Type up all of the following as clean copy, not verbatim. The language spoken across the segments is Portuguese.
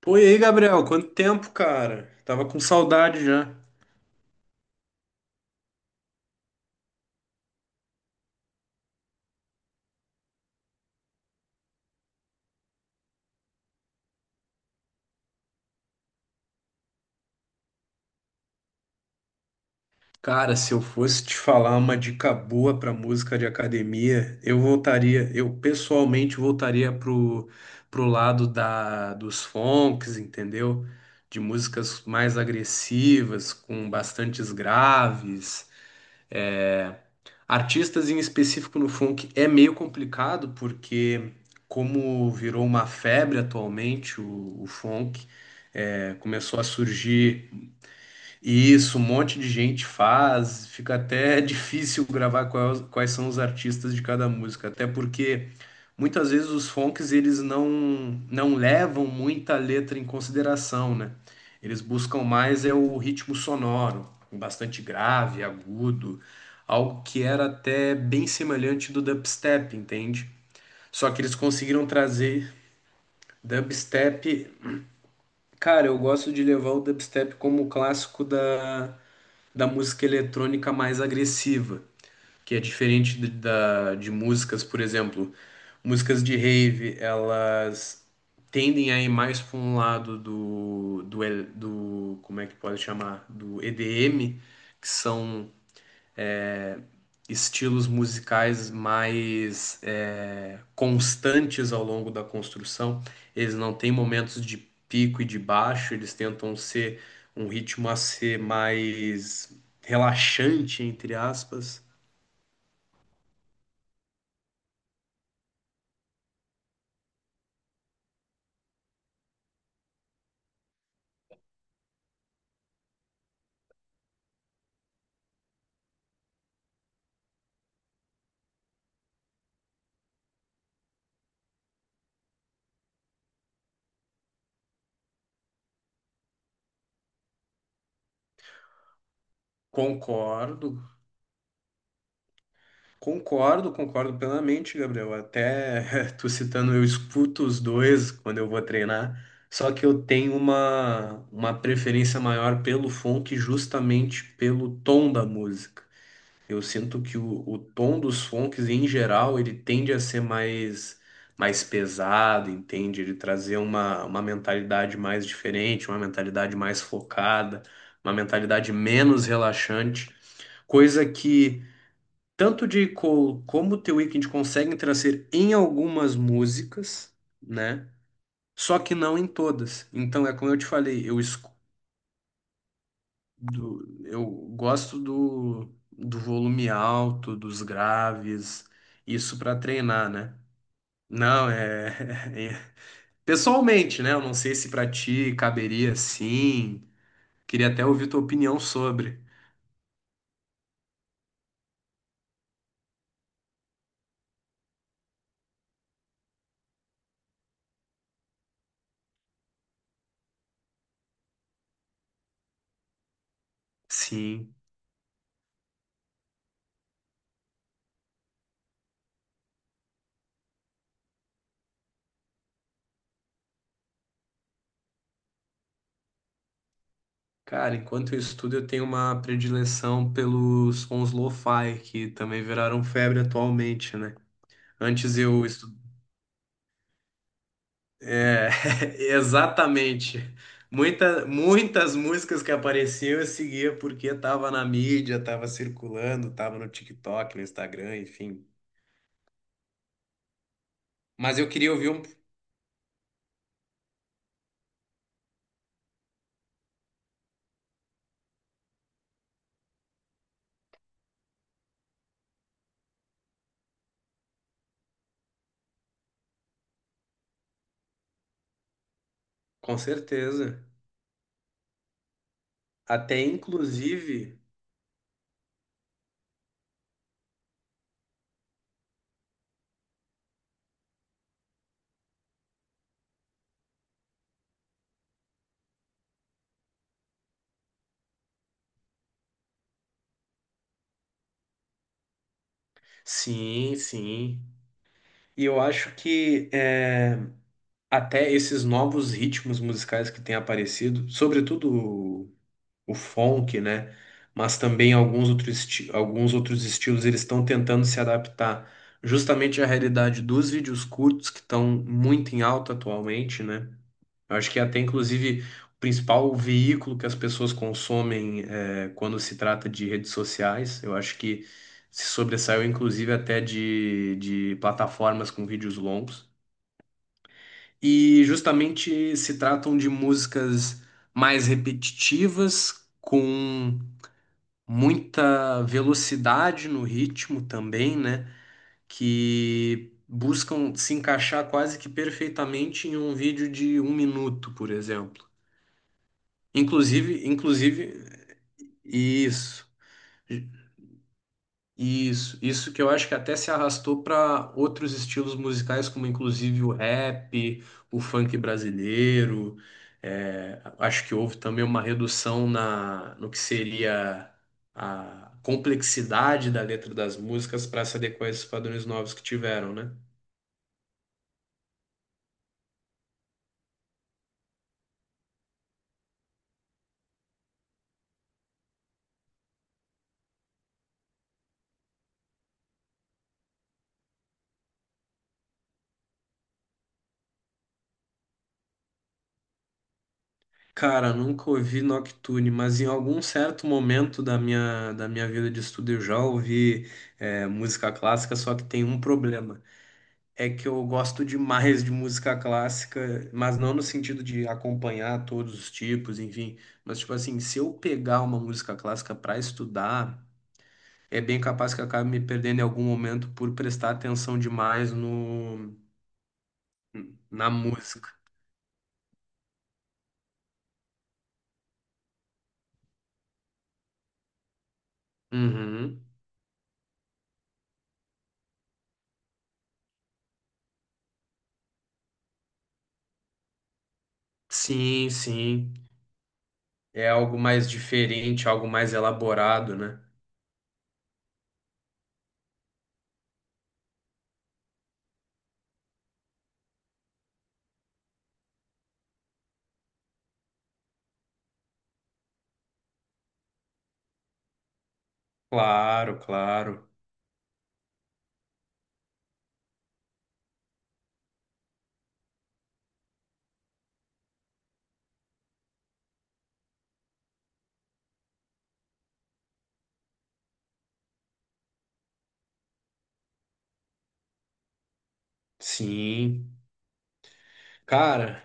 Pô, e aí, Gabriel, quanto tempo, cara? Tava com saudade já. Cara, se eu fosse te falar uma dica boa pra música de academia, eu voltaria, eu pessoalmente voltaria pro, pro lado da, dos funks, entendeu? De músicas mais agressivas, com bastantes graves. é, Artistas em específico no funk é meio complicado porque, como virou uma febre atualmente, o funk começou a surgir isso, um monte de gente faz, fica até difícil gravar quais, quais são os artistas de cada música, até porque muitas vezes os funks eles não levam muita letra em consideração, né? Eles buscam mais é o ritmo sonoro, bastante grave, agudo, algo que era até bem semelhante do dubstep, entende? Só que eles conseguiram trazer dubstep. Cara, eu gosto de levar o dubstep como clássico da da música eletrônica mais agressiva, que é diferente de, da, de músicas, por exemplo, músicas de rave, elas tendem a ir mais para um lado do, como é que pode chamar, do EDM, que são é, estilos musicais mais constantes ao longo da construção. Eles não têm momentos de pico e de baixo, eles tentam ser um ritmo a ser mais relaxante, entre aspas. Concordo, concordo, concordo plenamente, Gabriel. Até tu citando, eu escuto os dois quando eu vou treinar. Só que eu tenho uma preferência maior pelo funk justamente pelo tom da música. Eu sinto que o tom dos funks, em geral, ele tende a ser mais, mais pesado, entende? Ele trazer uma mentalidade mais diferente, uma mentalidade mais focada, uma mentalidade menos relaxante, coisa que tanto de Cole como The Weeknd conseguem trazer em algumas músicas, né? Só que não em todas. Então, é como eu te falei, eu gosto do, do volume alto, dos graves, isso para treinar, né? Não, é, é- Pessoalmente, né? Eu não sei se para ti caberia sim. Queria até ouvir tua opinião sobre. Sim. Cara, enquanto eu estudo, eu tenho uma predileção pelos sons lo-fi, que também viraram febre atualmente, né? Antes eu. É, exatamente. Muitas músicas que apareciam eu seguia porque tava na mídia, tava circulando, tava no TikTok, no Instagram, enfim. Mas eu queria ouvir um, com certeza. Até inclusive, sim, sim. E eu acho que é, até esses novos ritmos musicais que têm aparecido, sobretudo o funk, né? Mas também alguns outros, alguns outros estilos eles estão tentando se adaptar justamente à realidade dos vídeos curtos que estão muito em alta atualmente, né? Eu acho que até inclusive o principal veículo que as pessoas consomem quando se trata de redes sociais. Eu acho que se sobressaiu inclusive até de plataformas com vídeos longos. E justamente se tratam de músicas mais repetitivas, com muita velocidade no ritmo também, né? Que buscam se encaixar quase que perfeitamente em um vídeo de um minuto, por exemplo. Inclusive, inclusive, isso. Isso que eu acho que até se arrastou para outros estilos musicais, como inclusive o rap, o funk brasileiro. É, acho que houve também uma redução na, no que seria a complexidade da letra das músicas para se adequar a esses padrões novos que tiveram, né? Cara, nunca ouvi Nocturne, mas em algum certo momento da minha vida de estudo eu já ouvi, música clássica, só que tem um problema. É que eu gosto demais de música clássica, mas não no sentido de acompanhar todos os tipos, enfim. Mas, tipo assim, se eu pegar uma música clássica para estudar, é bem capaz que eu acabe me perdendo em algum momento por prestar atenção demais no, na música. Uhum. Sim, sim. É algo mais diferente, algo mais elaborado, né? Claro, claro. Sim. Cara,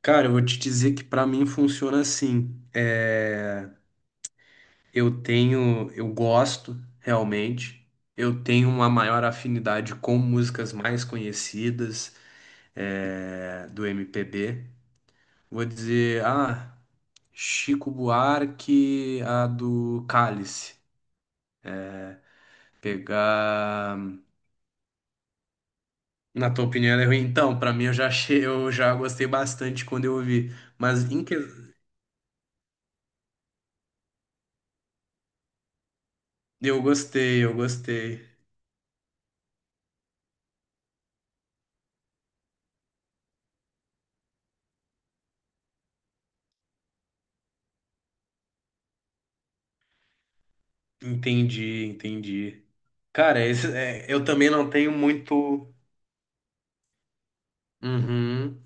cara, eu vou te dizer que para mim funciona assim. Eu tenho, eu gosto realmente. Eu tenho uma maior afinidade com músicas mais conhecidas do MPB. Vou dizer, ah, Chico Buarque, a do Cálice. Pegar, na tua opinião, ela é ruim. Então, pra mim eu já achei, eu já gostei bastante quando eu ouvi. Mas em que... eu gostei, eu gostei. Entendi, entendi. Cara, eu também não tenho muito. Uhum.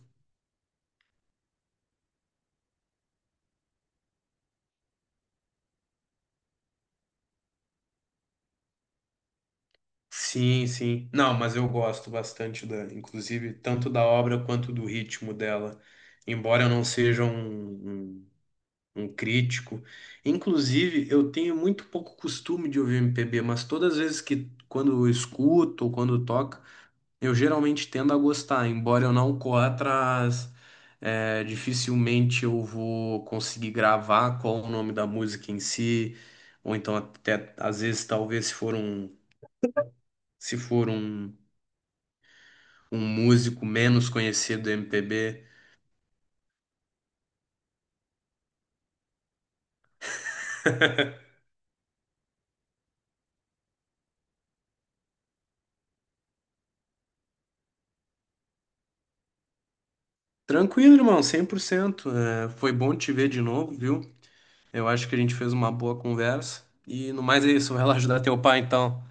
Sim, sim. Não, mas eu gosto bastante da, inclusive, tanto da obra quanto do ritmo dela. Embora eu não seja um, um, um crítico. Inclusive, eu tenho muito pouco costume de ouvir MPB, mas todas as vezes que, quando eu escuto ou quando toca, eu geralmente tendo a gostar. Embora eu não corra atrás, dificilmente eu vou conseguir gravar qual o nome da música em si, ou então até, às vezes, talvez, se for um. Se for um músico menos conhecido do MPB. Tranquilo, irmão, 100%. É, foi bom te ver de novo, viu? Eu acho que a gente fez uma boa conversa. E no mais é isso, vai lá ajudar teu pai então.